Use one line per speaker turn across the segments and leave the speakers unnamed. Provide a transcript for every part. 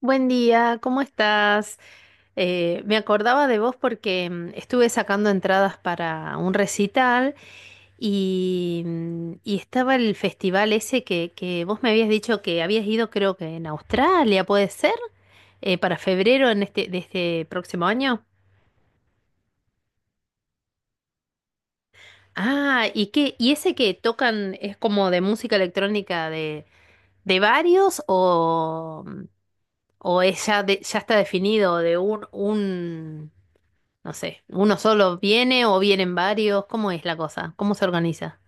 Buen día, ¿cómo estás? Me acordaba de vos porque estuve sacando entradas para un recital y estaba el festival ese que vos me habías dicho que habías ido, creo que en Australia, ¿puede ser? Para febrero de este próximo año. Ah, ¿y qué? ¿Y ese que tocan es como de música electrónica de varios o es ya, ya está definido de un. No sé, ¿uno solo viene o vienen varios? ¿Cómo es la cosa? ¿Cómo se organiza?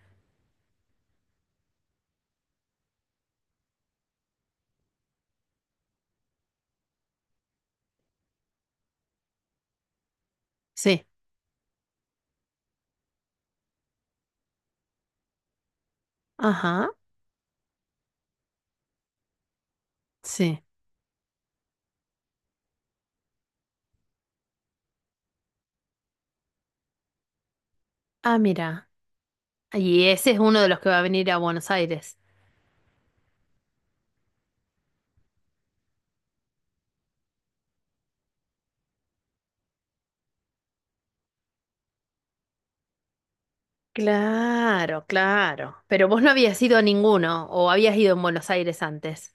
Sí. Ajá. Sí. Ah, mira. Y ese es uno de los que va a venir a Buenos Aires. Claro, claro. Pero vos no habías ido a ninguno o habías ido en Buenos Aires antes.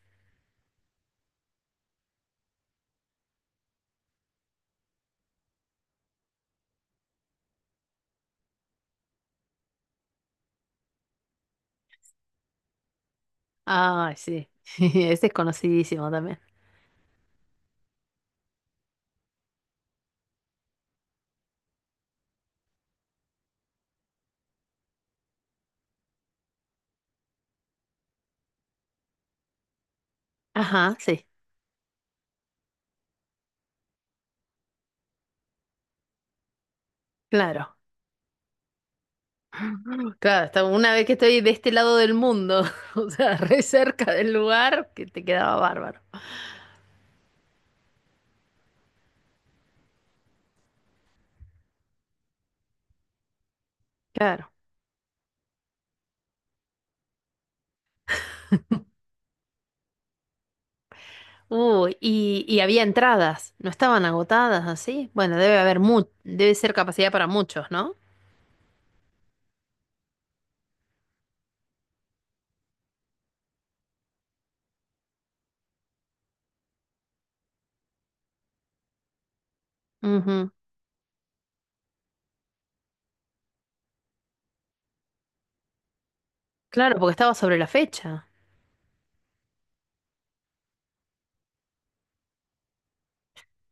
Ah, sí. Ese es conocidísimo también. Ajá, sí. Claro. Claro, hasta una vez que estoy de este lado del mundo, o sea, re cerca del lugar, que te quedaba bárbaro. Claro. Y había entradas, no estaban agotadas así. Bueno, debe haber mu debe ser capacidad para muchos, ¿no? Ujú. Claro, porque estaba sobre la fecha.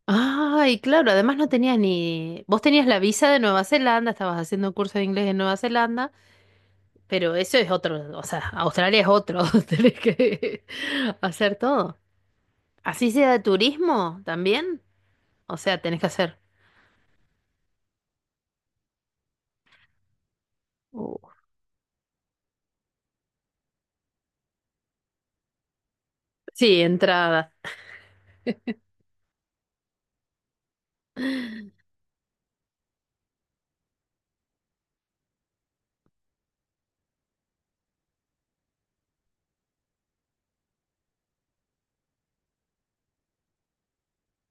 Ay, claro, además no tenías ni... Vos tenías la visa de Nueva Zelanda, estabas haciendo un curso de inglés en Nueva Zelanda, pero eso es otro, o sea, Australia es otro, tenés que hacer todo. Así sea de turismo también, o sea, tenés que hacer... Uh, sí, entrada.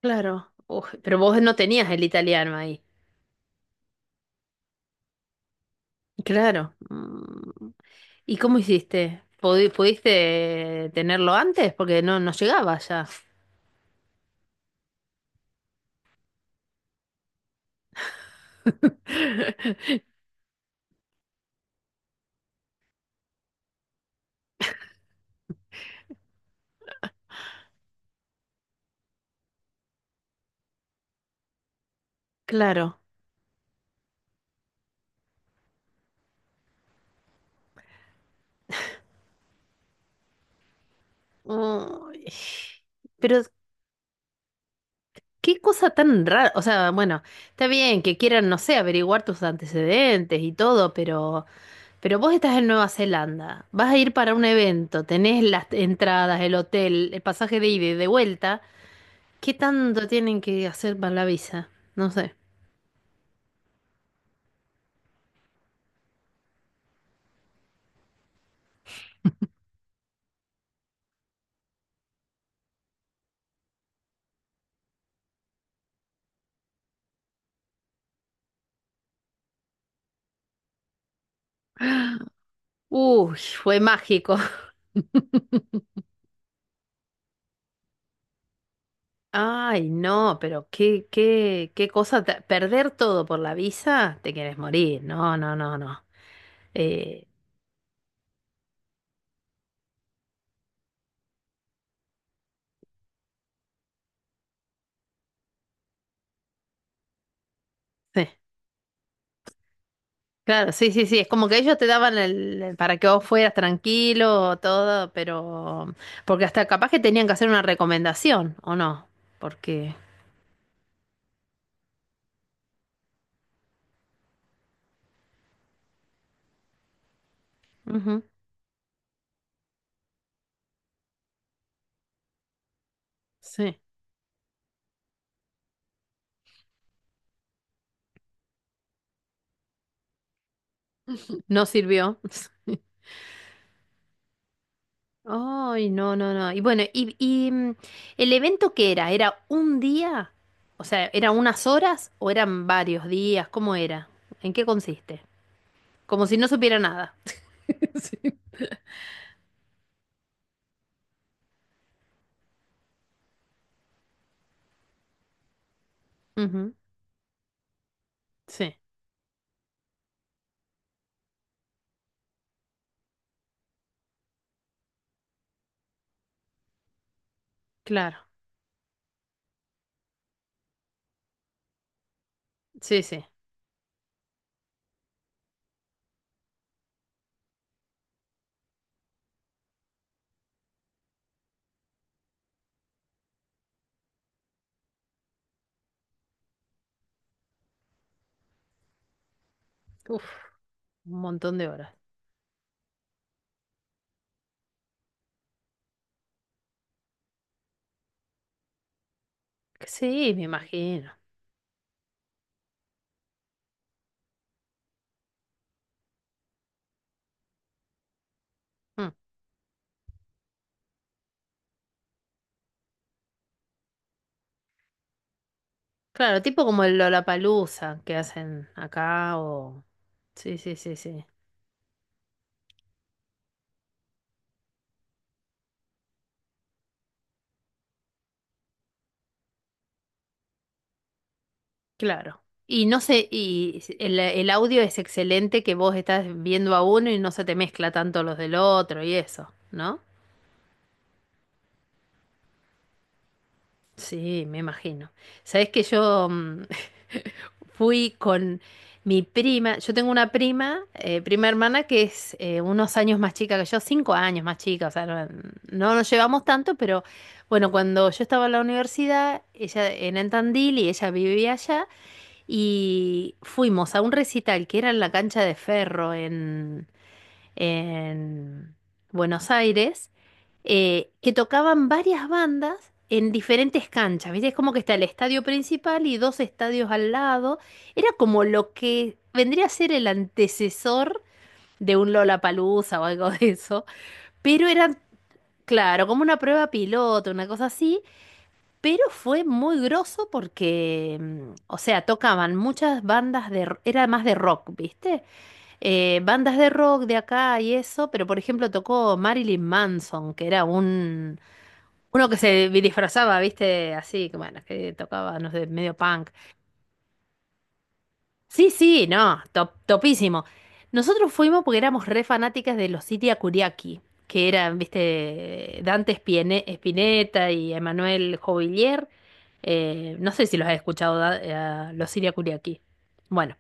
Claro. Uf, pero vos no tenías el italiano ahí. Claro. Mm. ¿Y cómo hiciste? ¿Pudiste tenerlo antes? Porque no, no llegaba ya. Claro. Uy. Pero qué cosa tan rara. O sea, bueno, está bien que quieran, no sé, averiguar tus antecedentes y todo, pero vos estás en Nueva Zelanda, vas a ir para un evento, tenés las entradas, el hotel, el pasaje de ida y de vuelta. ¿Qué tanto tienen que hacer para la visa? No sé. Uy, fue mágico. Ay, no, pero qué cosa, perder todo por la visa, te quieres morir, no, no, no, no. Eh, sí, claro, sí, sí, sí, es como que ellos te daban el para que vos fueras tranquilo, todo, pero, porque hasta capaz que tenían que hacer una recomendación, ¿o no? Porque, ujú, sí, no sirvió. Ay, no, no, no. Y bueno, ¿el evento qué era? ¿Era un día? O sea, ¿eran unas horas o eran varios días? ¿Cómo era? ¿En qué consiste? Como si no supiera nada. Sí. Ujú, sí, claro. Sí, sí. Uf, un montón de horas. Sí, me imagino. Mm. Claro, tipo como el Lollapalooza que hacen acá o... Sí, sí, sí, sí. Claro. Y no sé, y si, el audio es excelente que vos estás viendo a uno y no se te mezcla tanto los del otro y eso, ¿no? Sí, me imagino. Sabés que yo fui con mi prima, yo tengo una prima, prima hermana que es unos años más chica que yo, 5 años más chica, o sea, no nos llevamos tanto, pero bueno, cuando yo estaba en la universidad, ella era en Tandil y ella vivía allá. Y fuimos a un recital que era en la cancha de Ferro en Buenos Aires, que tocaban varias bandas en diferentes canchas. ¿Viste? Es como que está el estadio principal y dos estadios al lado. Era como lo que vendría a ser el antecesor de un Lollapalooza o algo de eso. Pero eran, claro, como una prueba piloto, una cosa así. Pero fue muy groso porque, o sea, tocaban muchas bandas era más de rock, ¿viste? Bandas de rock de acá y eso, pero por ejemplo tocó Marilyn Manson, que era un... Uno que se disfrazaba, ¿viste? Así, que bueno, que tocaba, no sé, medio punk. Sí, sí, no, top, topísimo. Nosotros fuimos porque éramos re fanáticas de los Siria Curiaki, que eran, viste, Dante Spinetta y Emanuel Jovillier. No sé si los has escuchado, a los Siria Curiaki. Bueno,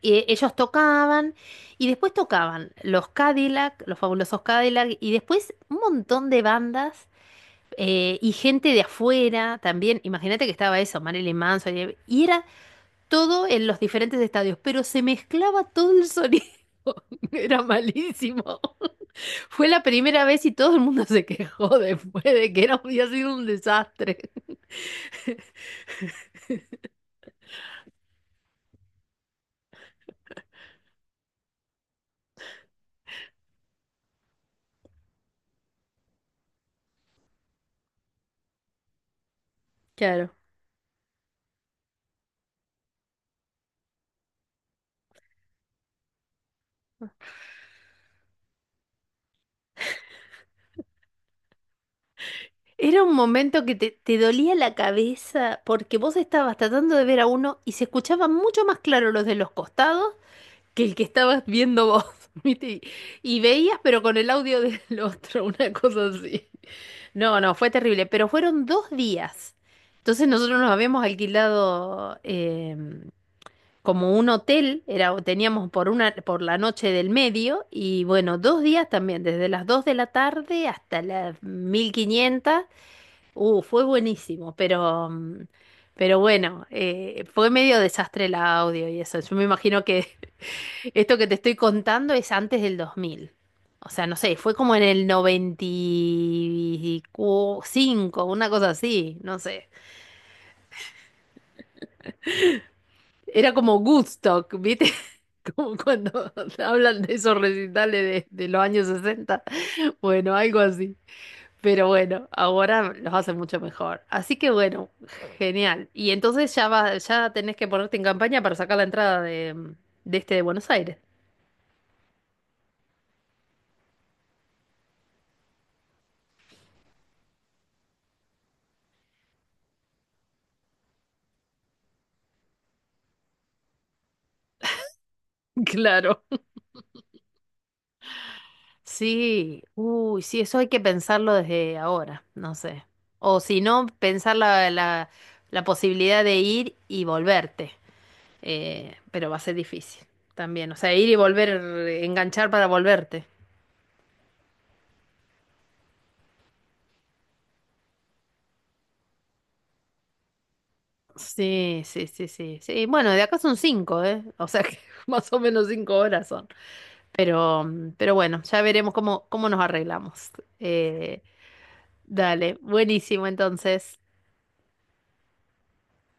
y ellos tocaban y después tocaban los Cadillac, los fabulosos Cadillac, y después un montón de bandas y gente de afuera también. Imagínate que estaba eso, Marilyn Manson, y era todo en los diferentes estadios, pero se mezclaba todo el sonido. Era malísimo. Fue la primera vez y todo el mundo se quejó después de que había sido un desastre. Claro. Era un momento que te dolía la cabeza porque vos estabas tratando de ver a uno y se escuchaban mucho más claro los de los costados que el que estabas viendo vos, ¿viste? Y veías, pero con el audio del otro, una cosa así. No, no, fue terrible, pero fueron 2 días. Entonces nosotros nos habíamos alquilado como un hotel, era, teníamos por una, por la noche del medio, y bueno, 2 días también, desde las 2 de la tarde hasta las 15:00. Fue buenísimo, pero, pero bueno, fue medio desastre el audio y eso. Yo me imagino que esto que te estoy contando es antes del 2000. O sea, no sé, fue como en el 95, una cosa así, no sé. Era como Woodstock, ¿viste? Como cuando hablan de esos recitales de los años 60. Bueno, algo así. Pero bueno, ahora los hacen mucho mejor. Así que bueno, genial. Y entonces ya va, ya tenés que ponerte en campaña para sacar la entrada de este de Buenos Aires. Claro. Sí, uy, sí, eso hay que pensarlo desde ahora, no sé. O si no, pensar la posibilidad de ir y volverte, pero va a ser difícil también. O sea, ir y volver, enganchar para volverte. Sí, sí, sí, sí, sí. Bueno, de acá son cinco, ¿eh? O sea que más o menos 5 horas son. Pero bueno, ya veremos cómo nos arreglamos. Eh, Dale, buenísimo entonces.